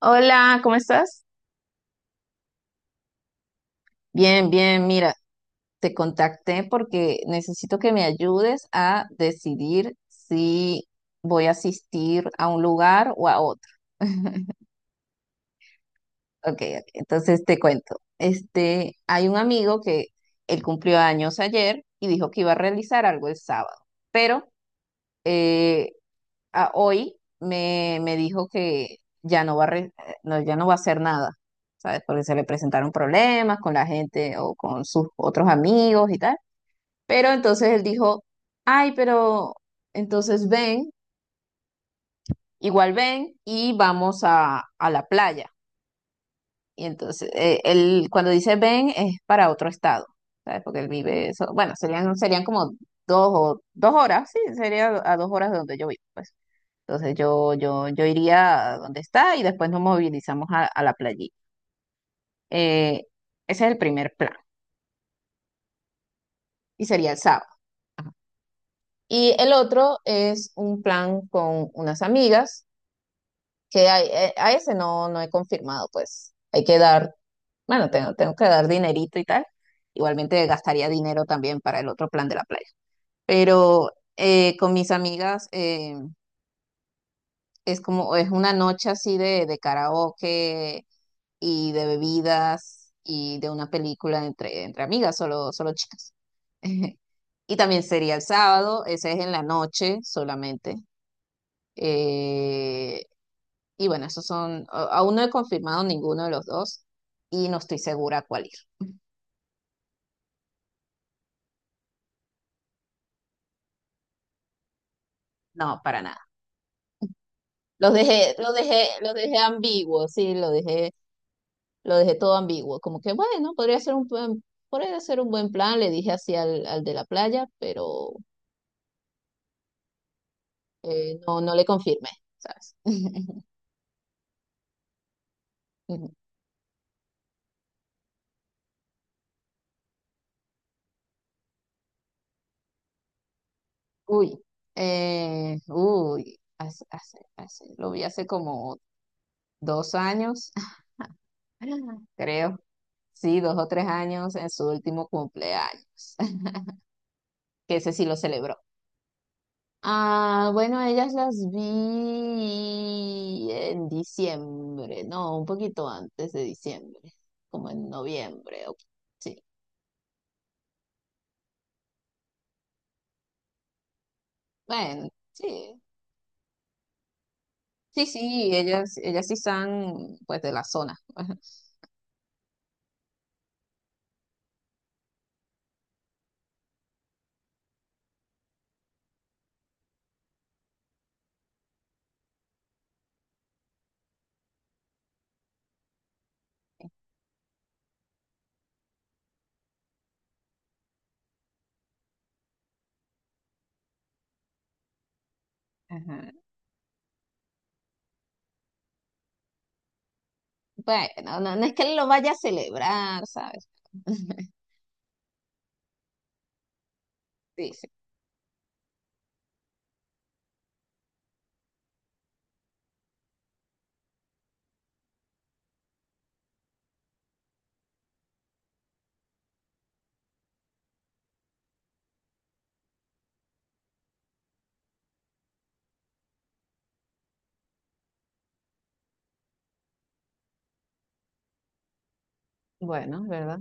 Hola, ¿cómo estás? Bien, bien, mira, te contacté porque necesito que me ayudes a decidir si voy a asistir a un lugar o a otro. Ok, ok, entonces te cuento. Este, hay un amigo que él cumplió años ayer y dijo que iba a realizar algo el sábado, pero eh, hoy me dijo que ya no va a re- no, ya no va a hacer nada, ¿sabes? Porque se le presentaron problemas con la gente o con sus otros amigos y tal. Pero entonces él dijo, ay, pero entonces ven, igual ven y vamos a la playa. Y entonces él cuando dice ven es para otro estado, ¿sabes? Porque él vive eso, bueno, serían como 2 o 2 horas, sí, sería a 2 horas de donde yo vivo, pues. Entonces yo iría a donde está y después nos movilizamos a la playita. Eh, ese es el primer plan y sería el sábado. Y el otro es un plan con unas amigas que ese no, no he confirmado, pues hay que dar, bueno, tengo que dar dinerito y tal. Igualmente gastaría dinero también para el otro plan de la playa. Pero con mis amigas es como, es una noche así de karaoke y de bebidas y de una película entre amigas, solo, solo chicas. Y también sería el sábado, ese es en la noche solamente. Eh, y bueno, esos son, aún no he confirmado ninguno de los dos y no estoy segura a cuál ir. No, para nada. Los dejé ambiguos, sí, lo dejé todo ambiguo. Como que bueno, podría ser un buen plan, le dije así al de la playa, pero no, no le confirmé, ¿sabes? Mm, Uy, uy, lo vi hace como 2 años, creo, sí, 2 o 3 años en su último cumpleaños, que ese sí lo celebró. Ah, bueno, ellas las vi en diciembre, no, un poquito antes de diciembre, como en noviembre, sí, bueno, sí, sí, sí, ellas sí están pues de la zona. Ajá. Bueno, no, no es que lo vaya a celebrar, ¿sabes? Sí, sí. Bueno, ¿verdad?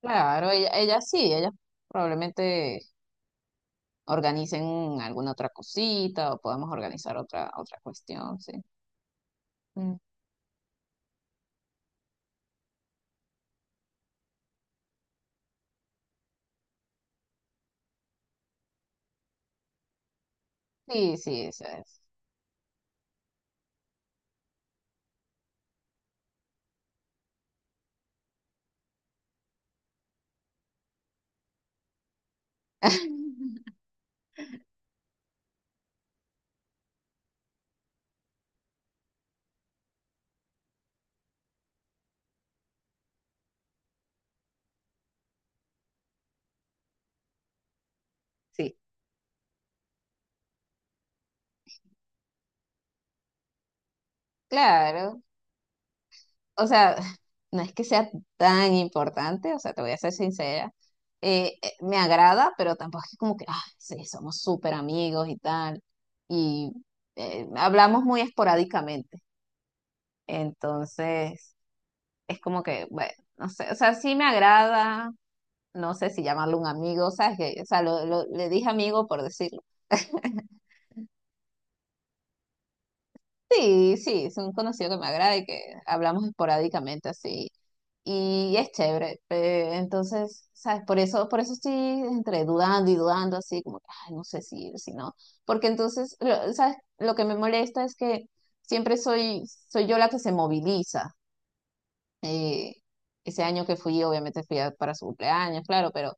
Claro, ella sí, ella probablemente organicen alguna otra cosita o podemos organizar otra cuestión, sí. Mm, Sí, sí, eso es. Sí. Claro, o sea, no es que sea tan importante, o sea, te voy a ser sincera. Me agrada, pero tampoco es que como que, ah, sí, somos súper amigos y tal. Y hablamos muy esporádicamente. Entonces, es como que, bueno, no sé, o sea, sí me agrada, no sé si llamarlo un amigo, o sea, es que, o sea, le dije amigo por decirlo. Sí, sí, es un conocido que me agrada y que hablamos esporádicamente así. Y es chévere, entonces, ¿sabes? Por eso estoy entre dudando y dudando así, como que, ay, no sé si ir, si no. Porque entonces, ¿sabes? Lo que me molesta es que siempre soy yo la que se moviliza. eh, Ese año que fui, obviamente para su cumpleaños, claro, pero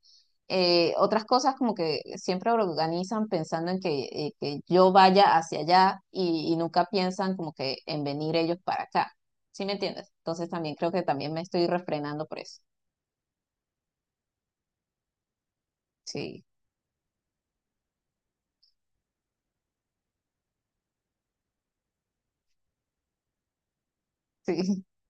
otras cosas como que siempre organizan pensando en que yo vaya hacia allá y nunca piensan como que en venir ellos para acá. ¿Sí me entiendes? Entonces también creo que también me estoy refrenando por eso. Sí, sí,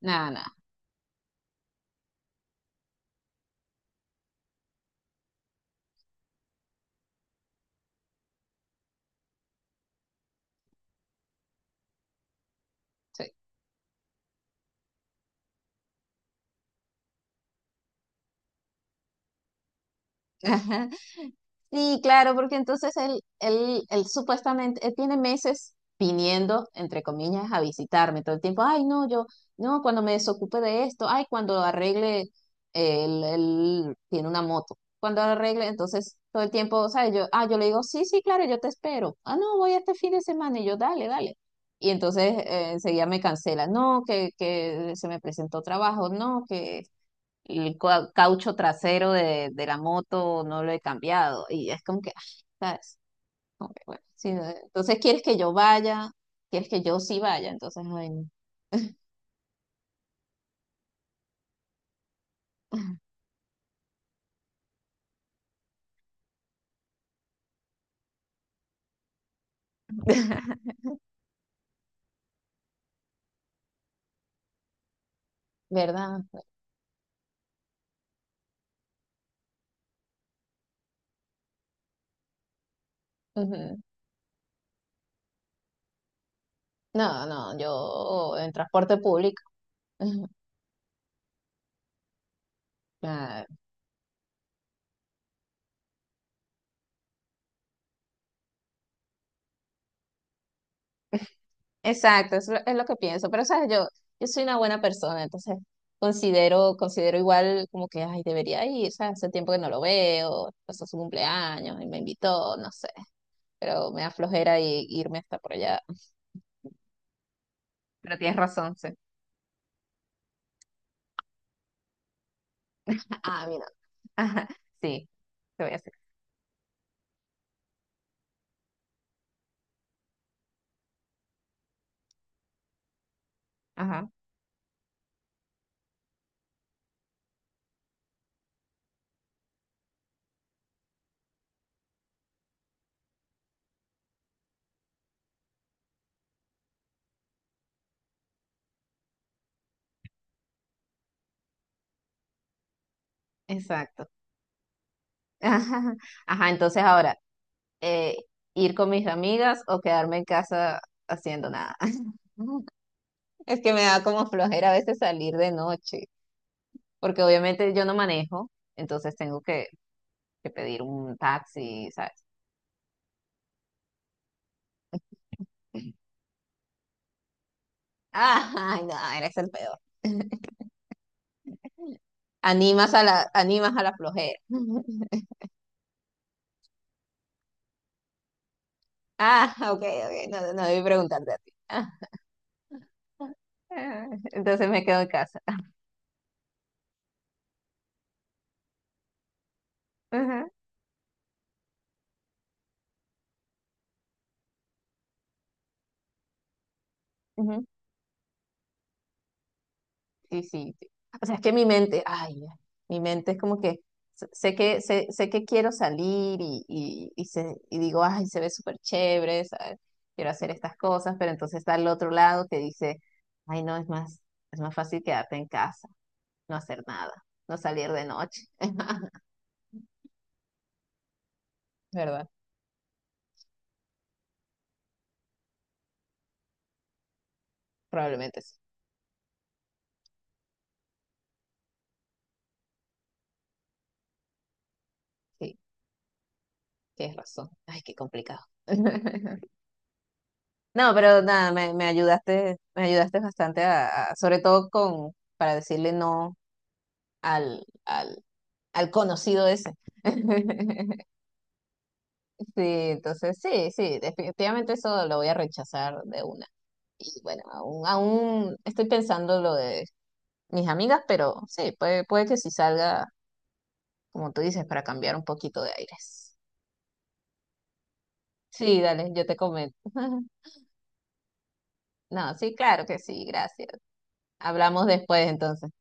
nada, nada, sí. Sí, claro, porque entonces él supuestamente, él tiene meses viniendo, entre comillas, a visitarme todo el tiempo. Ay, no, yo, no, cuando me desocupe de esto, ay, cuando arregle, él tiene una moto. Cuando arregle, entonces todo el tiempo, ¿sabes? Yo, ah, yo le digo, sí, sí, claro, yo te espero. Ah, no, voy este fin de semana y yo, dale, dale. Y entonces enseguida me cancela, no, que se me presentó trabajo, no, que caucho trasero de la moto no lo he cambiado. Y es como que, ah, ¿sabes? Como que, bueno, sí, entonces, ¿quieres que yo vaya? ¿Quieres que yo sí vaya? Entonces, ay, no. ¿Verdad? Ujú. No, no, yo en transporte público. Ujú. Claro. Exacto, es lo que pienso. Pero, ¿sabes? Yo soy una buena persona, entonces considero igual como que, ay, debería ir, ¿sabes? Hace tiempo que no lo veo, pasó su cumpleaños y me invitó, no sé. Pero me da flojera y, irme hasta por allá. Pero tienes razón, sí. Ah, mira. Ajá, sí, te voy a hacer. Ajá, exacto. Ajá, ajá, entonces ahora, eh, ir con mis amigas o quedarme en casa haciendo nada. Es que me da como flojera a veces salir de noche, porque obviamente yo no manejo, entonces tengo que, pedir un taxi, ¿sabes? Ay, no, eres el peor. Animas a la flojera. Ah, ok, ok, no, no debí preguntarte a ti. Ah, ah, entonces me quedo en casa. Ajá, ujú. Sí, sí, sí. O sea, es que mi mente, ay, mi mente es como que sé que quiero salir y digo, ay, se ve súper chévere, ¿sabes? Quiero hacer estas cosas, pero entonces está al otro lado que dice, ay, no, es más fácil quedarte en casa, no hacer nada, no salir de noche. ¿Verdad? Probablemente sí. Sí, tienes razón. Ay, qué complicado. No, pero nada, me ayudaste bastante sobre todo con, para decirle no al, al, al conocido ese. Sí, entonces sí, sí, definitivamente eso lo voy a rechazar de una. Y bueno, aún estoy pensando lo de mis amigas, pero sí, puede que sí salga, como tú dices, para cambiar un poquito de aires. Sí, dale, yo te comento. No, sí, claro que sí, gracias. Hablamos después entonces.